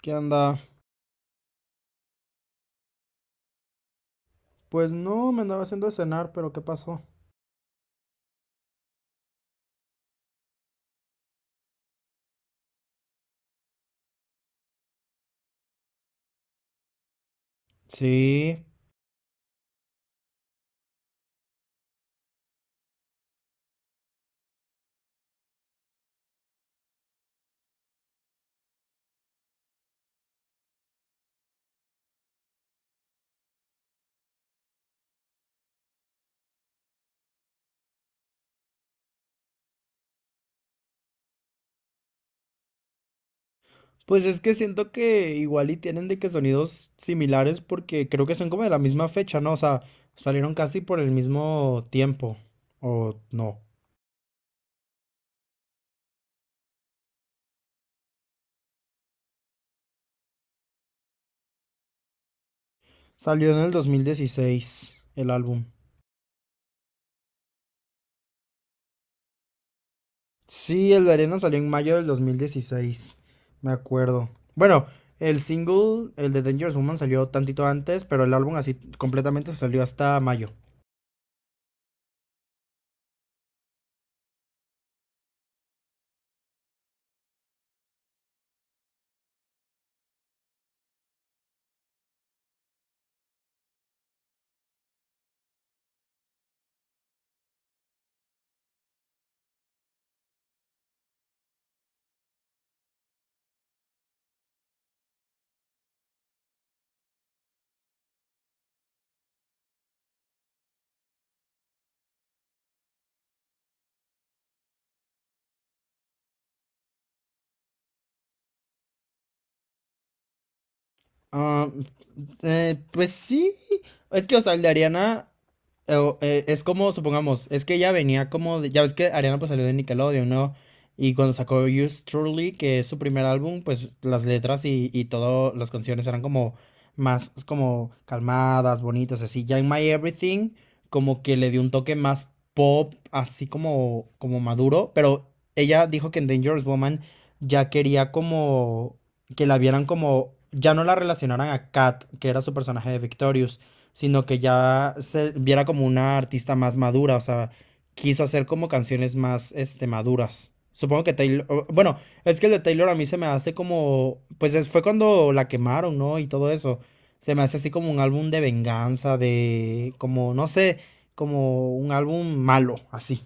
¿Qué anda? Pues no, me andaba haciendo de cenar, pero ¿qué pasó? Sí, pues es que siento que igual y tienen de que sonidos similares porque creo que son como de la misma fecha, ¿no? O sea, salieron casi por el mismo tiempo, o no. Salió en el 2016 el álbum. Sí, el de Arena salió en mayo del 2016, me acuerdo. Bueno, el single, el de Dangerous Woman salió tantito antes, pero el álbum así completamente salió hasta mayo. Ah, pues sí. Es que, o sea, el de Ariana es como, supongamos, es que ella venía como ya ves que Ariana pues salió de Nickelodeon, ¿no? Y cuando sacó Yours Truly, que es su primer álbum, pues las letras y todas las canciones eran como más como calmadas, bonitas, así. Ya en My Everything, como que le dio un toque más pop, así como, como maduro, pero ella dijo que en Dangerous Woman ya quería como que la vieran como, ya no la relacionaran a Kat, que era su personaje de Victorious, sino que ya se viera como una artista más madura, o sea, quiso hacer como canciones más, este, maduras. Supongo que bueno, es que el de Taylor a mí se me hace como, pues fue cuando la quemaron, ¿no? Y todo eso. Se me hace así como un álbum de venganza, de, como, no sé, como un álbum malo, así.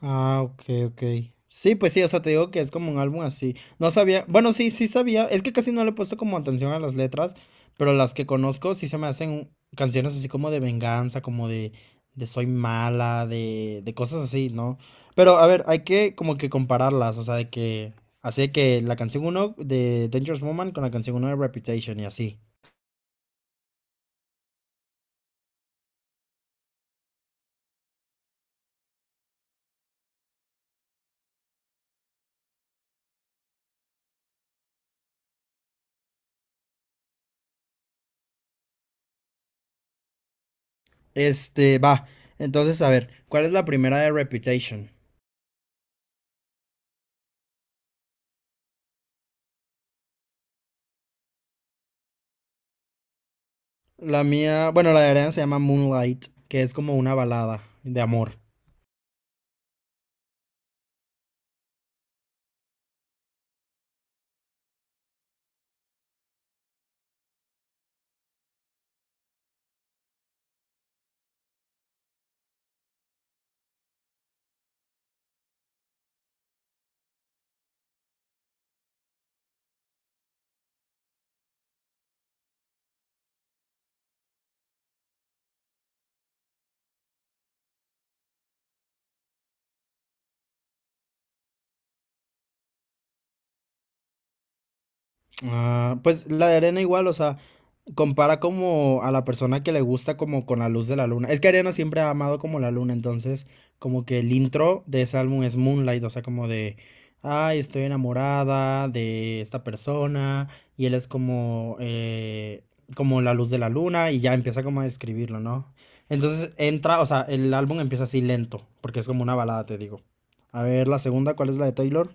Ah, ok, ok. Sí, pues sí, o sea, te digo que es como un álbum así. No sabía, bueno, sí, sí sabía, es que casi no le he puesto como atención a las letras, pero las que conozco sí se me hacen canciones así como de venganza, como de soy mala, de cosas así, ¿no? Pero a ver, hay que como que compararlas, o sea, de que, así de que la canción uno de Dangerous Woman con la canción uno de Reputation y así. Este, va, entonces a ver, ¿cuál es la primera de Reputation? La mía, bueno, la de Ariana se llama Moonlight, que es como una balada de amor. Ah, pues la de arena igual, o sea, compara como a la persona que le gusta como con la luz de la luna. Es que Arena siempre ha amado como la luna, entonces como que el intro de ese álbum es Moonlight, o sea, como de, ay, estoy enamorada de esta persona y él es como, como la luz de la luna y ya empieza como a describirlo, ¿no? Entonces entra, o sea, el álbum empieza así lento, porque es como una balada, te digo. A ver, la segunda, ¿cuál es la de Taylor?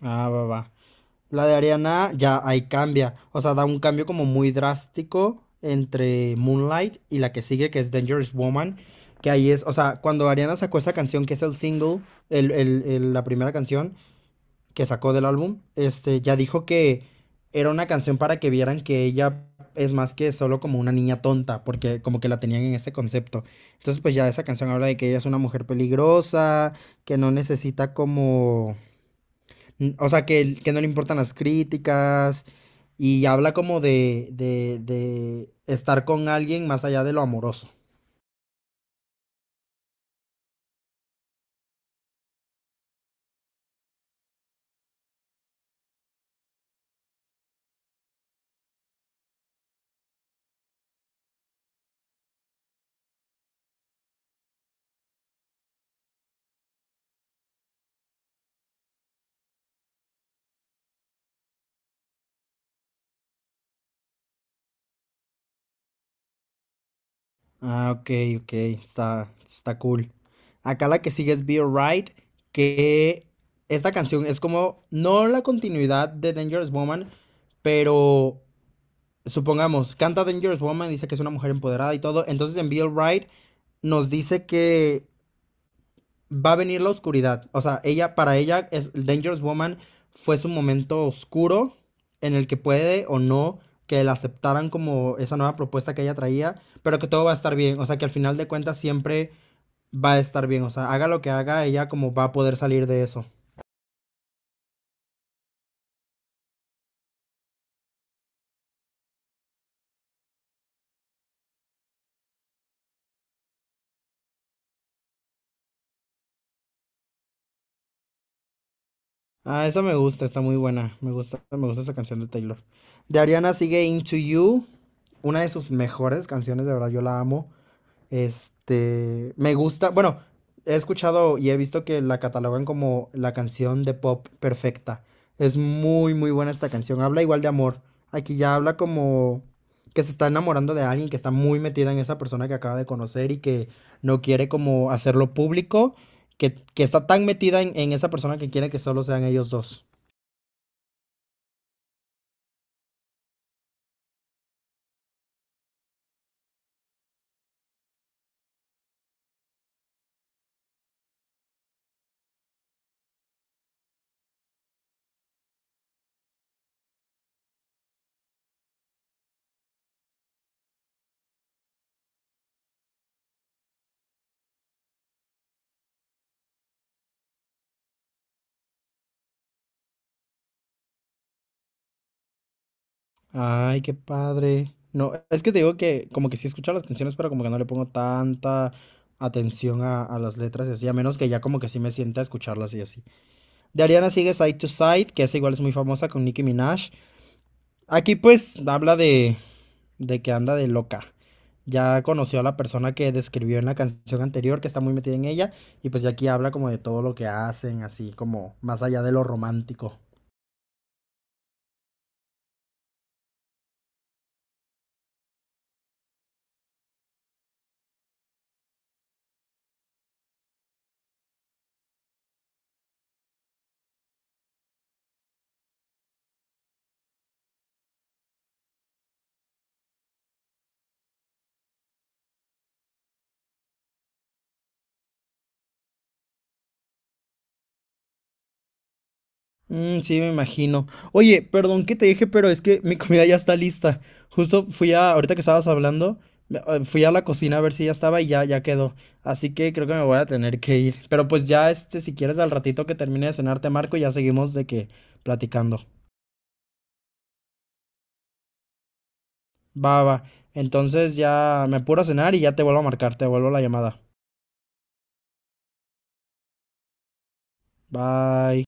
Ah, va, va. La de Ariana ya ahí cambia, o sea, da un cambio como muy drástico entre Moonlight y la que sigue, que es Dangerous Woman, que ahí es, o sea, cuando Ariana sacó esa canción, que es el single, la primera canción que sacó del álbum, este, ya dijo que era una canción para que vieran que ella es más que solo como una niña tonta, porque como que la tenían en ese concepto. Entonces, pues ya esa canción habla de que ella es una mujer peligrosa, que no necesita como mm, o sea, que, que no le importan las críticas y habla como de estar con alguien más allá de lo amoroso. Ah, ok, ok, está, está cool. Acá la que sigue es Be Alright, que esta canción es como, no la continuidad de Dangerous Woman, pero supongamos, canta Dangerous Woman, dice que es una mujer empoderada y todo, entonces en Be Alright nos dice que va a venir la oscuridad. O sea, ella, para ella, es, Dangerous Woman fue su momento oscuro en el que puede o no que la aceptaran como esa nueva propuesta que ella traía, pero que todo va a estar bien. O sea, que al final de cuentas siempre va a estar bien. O sea, haga lo que haga, ella como va a poder salir de eso. Ah, esa me gusta, está muy buena. Me gusta esa canción de Taylor. De Ariana sigue Into You, una de sus mejores canciones, de verdad, yo la amo. Este, me gusta, bueno, he escuchado y he visto que la catalogan como la canción de pop perfecta. Es muy, muy buena esta canción. Habla igual de amor. Aquí ya habla como que se está enamorando de alguien, que está muy metida en esa persona que acaba de conocer y que no quiere como hacerlo público, que está tan metida en esa persona que quiere que solo sean ellos dos. Ay, qué padre. No, es que te digo que como que sí escucho las canciones, pero como que no le pongo tanta atención a las letras y así, a menos que ya como que sí me sienta a escucharlas y así. De Ariana sigue Side to Side, que esa igual es muy famosa con Nicki Minaj. Aquí pues habla de que anda de loca. Ya conoció a la persona que describió en la canción anterior, que está muy metida en ella, y pues ya aquí habla como de todo lo que hacen, así como más allá de lo romántico. Mm, sí, me imagino. Oye, perdón que te dije, pero es que mi comida ya está lista. Justo fui a, ahorita que estabas hablando, fui a la cocina a ver si ya estaba y ya, ya quedó. Así que creo que me voy a tener que ir. Pero pues ya, este, si quieres al ratito que termine de cenar, te marco y ya seguimos de que platicando. Va, va. Entonces ya me apuro a cenar y ya te vuelvo a marcar, te vuelvo la llamada. Bye.